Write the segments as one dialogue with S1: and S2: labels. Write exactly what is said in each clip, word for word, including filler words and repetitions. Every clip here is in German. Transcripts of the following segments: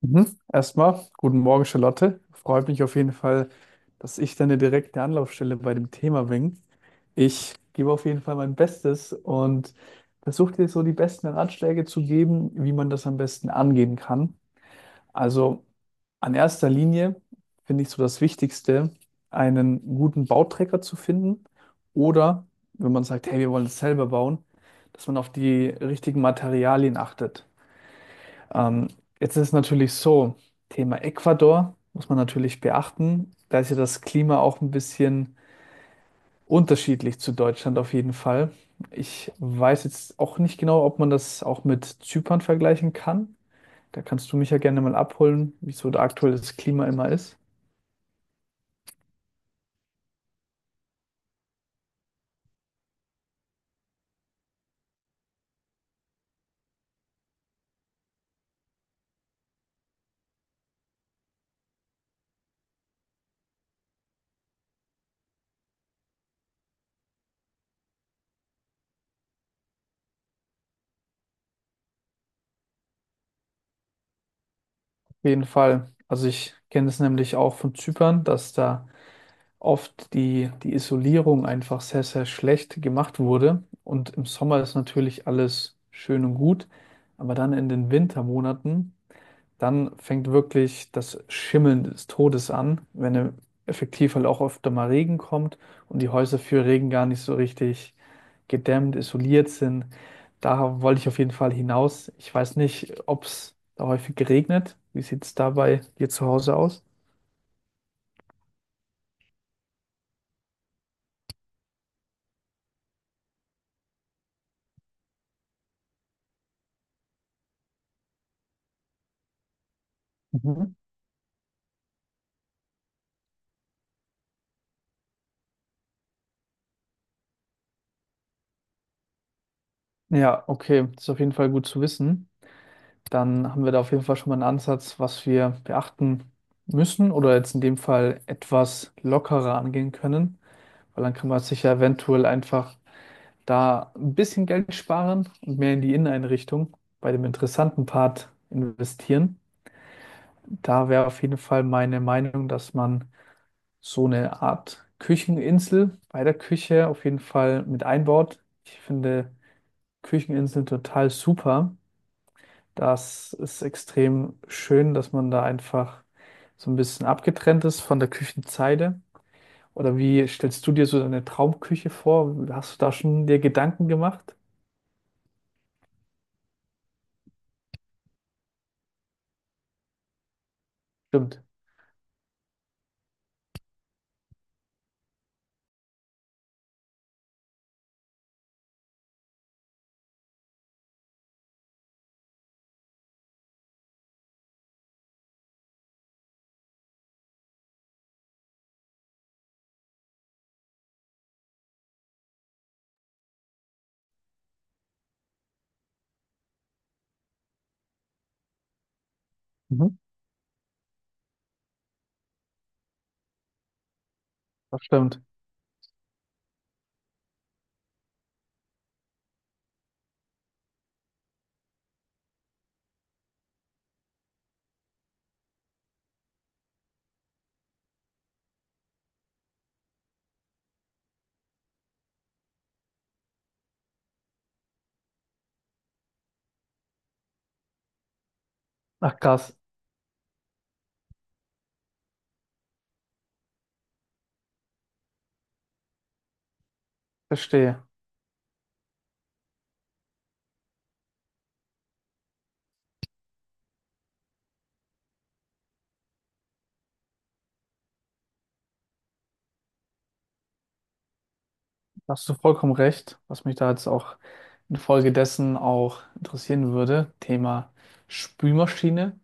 S1: Mhm. Erstmal, guten Morgen, Charlotte. Freut mich auf jeden Fall, dass ich deine direkte Anlaufstelle bei dem Thema bin. Ich gebe auf jeden Fall mein Bestes und versuche dir so die besten Ratschläge zu geben, wie man das am besten angehen kann. Also an erster Linie finde ich so das Wichtigste, einen guten Bauträger zu finden oder wenn man sagt, hey, wir wollen es selber bauen, dass man auf die richtigen Materialien achtet. Ähm, jetzt ist es natürlich so, Thema Ecuador muss man natürlich beachten. Da ist ja das Klima auch ein bisschen unterschiedlich zu Deutschland auf jeden Fall. Ich weiß jetzt auch nicht genau, ob man das auch mit Zypern vergleichen kann. Da kannst du mich ja gerne mal abholen, wieso da aktuell das Klima immer ist. Auf jeden Fall. Also ich kenne es nämlich auch von Zypern, dass da oft die, die Isolierung einfach sehr, sehr schlecht gemacht wurde. Und im Sommer ist natürlich alles schön und gut, aber dann in den Wintermonaten, dann fängt wirklich das Schimmeln des Todes an, wenn im- effektiv halt auch öfter mal Regen kommt und die Häuser für Regen gar nicht so richtig gedämmt, isoliert sind. Da wollte ich auf jeden Fall hinaus. Ich weiß nicht, ob es da häufig regnet. Wie sieht es da bei dir zu Hause aus? Mhm. Ja, okay, das ist auf jeden Fall gut zu wissen. Dann haben wir da auf jeden Fall schon mal einen Ansatz, was wir beachten müssen oder jetzt in dem Fall etwas lockerer angehen können, weil dann kann man sich ja eventuell einfach da ein bisschen Geld sparen und mehr in die Inneneinrichtung bei dem interessanten Part investieren. Da wäre auf jeden Fall meine Meinung, dass man so eine Art Kücheninsel bei der Küche auf jeden Fall mit einbaut. Ich finde Kücheninseln total super. Das ist extrem schön, dass man da einfach so ein bisschen abgetrennt ist von der Küchenzeile. Oder wie stellst du dir so deine Traumküche vor? Hast du da schon dir Gedanken gemacht? Stimmt. Mhm. Das stimmt. Ach krass, verstehe. Da hast du vollkommen recht, was mich da jetzt auch infolgedessen auch interessieren würde. Thema Spülmaschine.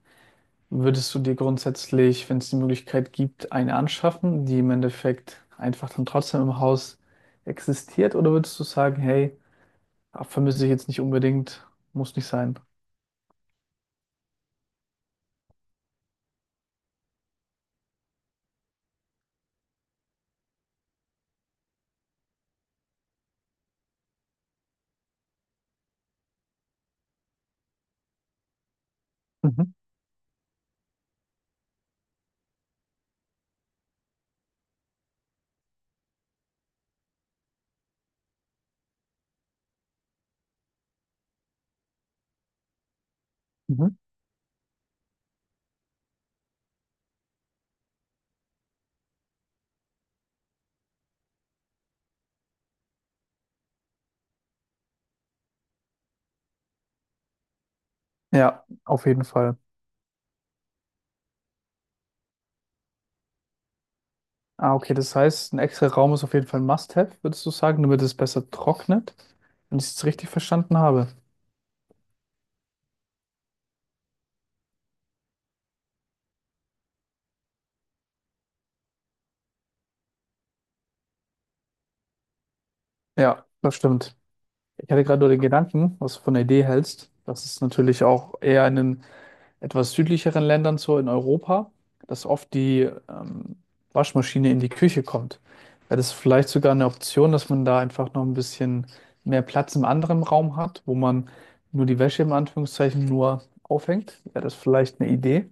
S1: Würdest du dir grundsätzlich, wenn es die Möglichkeit gibt, eine anschaffen, die im Endeffekt einfach dann trotzdem im Haus existiert? Oder würdest du sagen, hey, ah, vermisse ich jetzt nicht unbedingt, muss nicht sein? Mhm. Mhm. Ja, auf jeden Fall. Ah, okay, das heißt, ein extra Raum ist auf jeden Fall ein Must-have, würdest du sagen, damit es besser trocknet, wenn ich es jetzt richtig verstanden habe. Ja, das stimmt. Ich hatte gerade nur den Gedanken, was du von der Idee hältst, dass es natürlich auch eher in den etwas südlicheren Ländern so in Europa, dass oft die ähm, Waschmaschine in die Küche kommt. Wäre das vielleicht sogar eine Option, dass man da einfach noch ein bisschen mehr Platz im anderen Raum hat, wo man nur die Wäsche im Anführungszeichen nur aufhängt? Wäre das vielleicht eine Idee?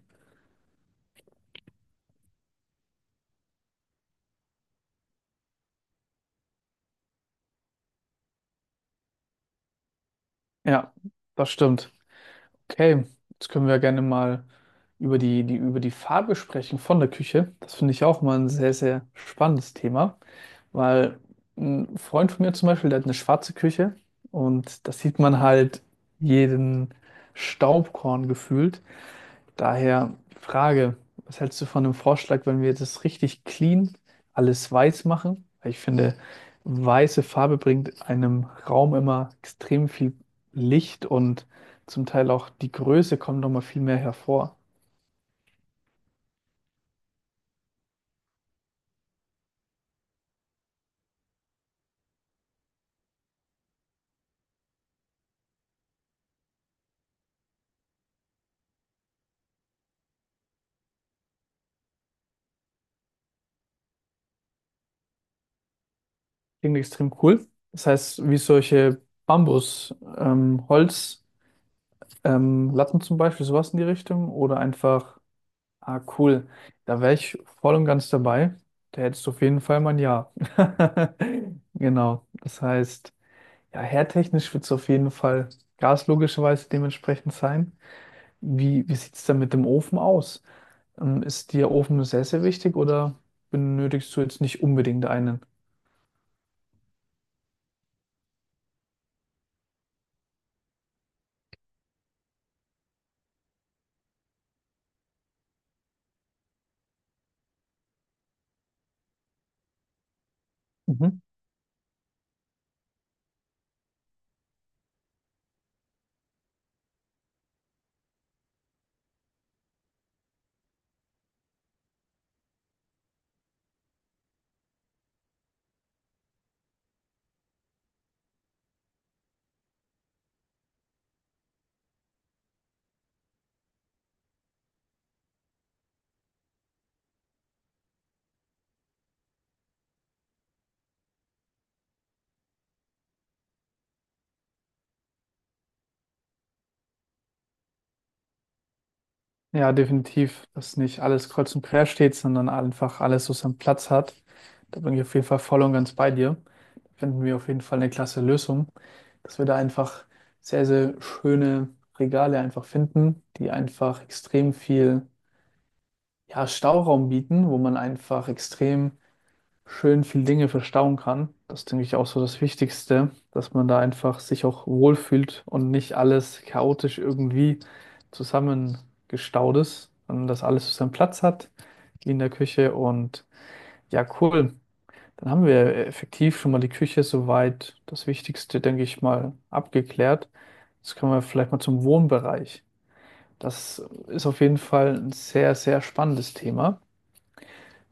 S1: Ja, das stimmt. Okay, jetzt können wir gerne mal über die, die, über die Farbe sprechen von der Küche. Das finde ich auch mal ein sehr, sehr spannendes Thema. Weil ein Freund von mir zum Beispiel, der hat eine schwarze Küche und da sieht man halt jeden Staubkorn gefühlt. Daher die Frage, was hältst du von dem Vorschlag, wenn wir das richtig clean alles weiß machen? Weil ich finde, weiße Farbe bringt einem Raum immer extrem viel Licht und zum Teil auch die Größe kommt nochmal viel mehr hervor. Klingt extrem cool. Das heißt, wie solche Bambus, ähm, Holz. Ähm, Latten zum Beispiel, sowas in die Richtung oder einfach, ah cool, da wäre ich voll und ganz dabei. Da hättest du auf jeden Fall mein Ja. Genau, das heißt, ja, herdtechnisch wird es auf jeden Fall Gas logischerweise dementsprechend sein. Wie, wie sieht es denn mit dem Ofen aus? Ähm, ist dir Ofen sehr, sehr wichtig oder benötigst du jetzt nicht unbedingt einen? Mhm. Ja, definitiv, dass nicht alles kreuz und quer steht, sondern einfach alles so seinen Platz hat. Da bin ich auf jeden Fall voll und ganz bei dir. Da finden wir auf jeden Fall eine klasse Lösung, dass wir da einfach sehr, sehr schöne Regale einfach finden, die einfach extrem viel, ja, Stauraum bieten, wo man einfach extrem schön viel Dinge verstauen kann. Das denke ich auch so das Wichtigste, dass man da einfach sich auch wohlfühlt und nicht alles chaotisch irgendwie zusammengestaut ist, sondern dass alles so seinen Platz hat, wie in der Küche. Und ja, cool. Dann haben wir effektiv schon mal die Küche soweit das Wichtigste, denke ich mal, abgeklärt. Jetzt kommen wir vielleicht mal zum Wohnbereich. Das ist auf jeden Fall ein sehr, sehr spannendes Thema.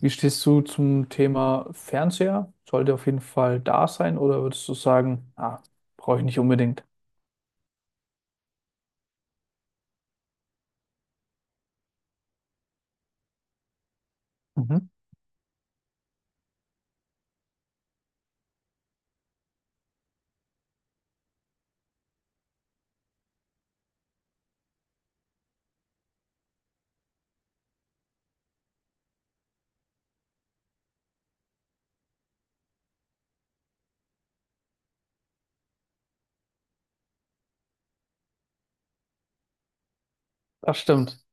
S1: Wie stehst du zum Thema Fernseher? Sollte auf jeden Fall da sein oder würdest du sagen, ah, brauche ich nicht unbedingt? Mhm. Das stimmt.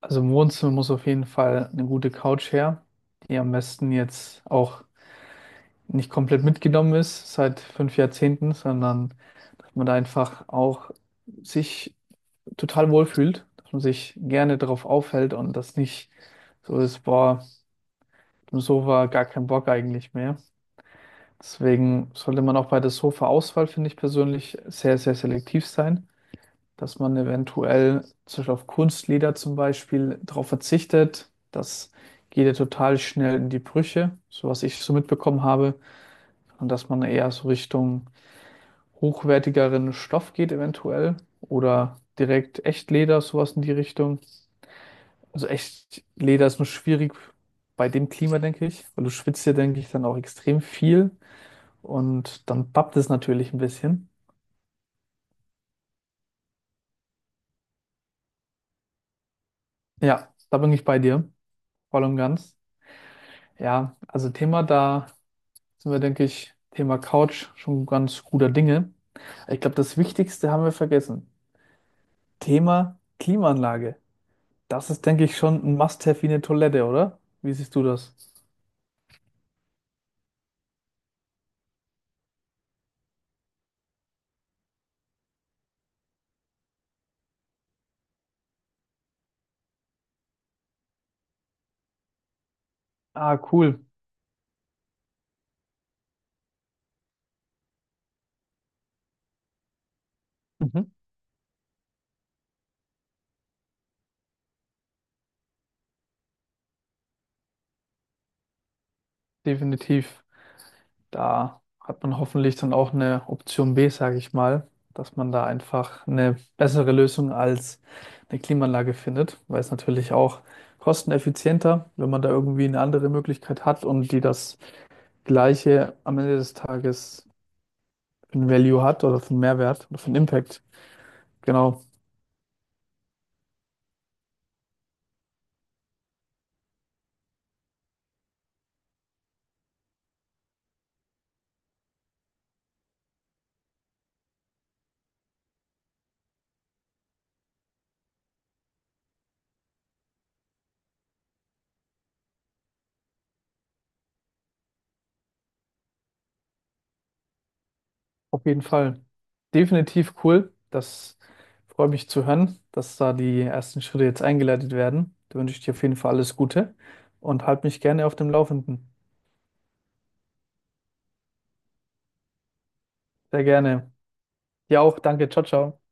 S1: Also im Wohnzimmer muss auf jeden Fall eine gute Couch her, die am besten jetzt auch nicht komplett mitgenommen ist seit fünf Jahrzehnten, sondern dass man da einfach auch sich total wohlfühlt, dass man sich gerne darauf aufhält und das nicht so ist, boah, im Sofa gar kein Bock eigentlich mehr. Deswegen sollte man auch bei der Sofa-Auswahl, finde ich persönlich, sehr, sehr selektiv sein, dass man eventuell zum Beispiel auf Kunstleder zum Beispiel darauf verzichtet. Das geht ja total schnell in die Brüche, so was ich so mitbekommen habe. Und dass man eher so Richtung hochwertigeren Stoff geht eventuell oder direkt Echtleder, sowas in die Richtung. Also Echtleder ist nur schwierig bei dem Klima, denke ich, weil du schwitzt ja, denke ich, dann auch extrem viel. Und dann pappt es natürlich ein bisschen. Ja, da bin ich bei dir, voll und ganz. Ja, also Thema, da sind wir, denke ich, Thema Couch schon ganz guter Dinge. Ich glaube, das Wichtigste haben wir vergessen. Thema Klimaanlage. Das ist, denke ich, schon ein Must-have wie eine Toilette, oder? Wie siehst du das? Ah, cool. Mhm. Definitiv. Da hat man hoffentlich dann auch eine Option B e, sage ich mal, dass man da einfach eine bessere Lösung als eine Klimaanlage findet, weil es natürlich auch kosteneffizienter, wenn man da irgendwie eine andere Möglichkeit hat und die das gleiche am Ende des Tages für einen Value hat oder für einen Mehrwert oder für einen Impact. Genau, auf jeden Fall. Definitiv cool. Das freut mich zu hören, dass da die ersten Schritte jetzt eingeleitet werden. Da wünsche ich dir auf jeden Fall alles Gute und halt mich gerne auf dem Laufenden. Sehr gerne. Ja auch, danke. Ciao, ciao.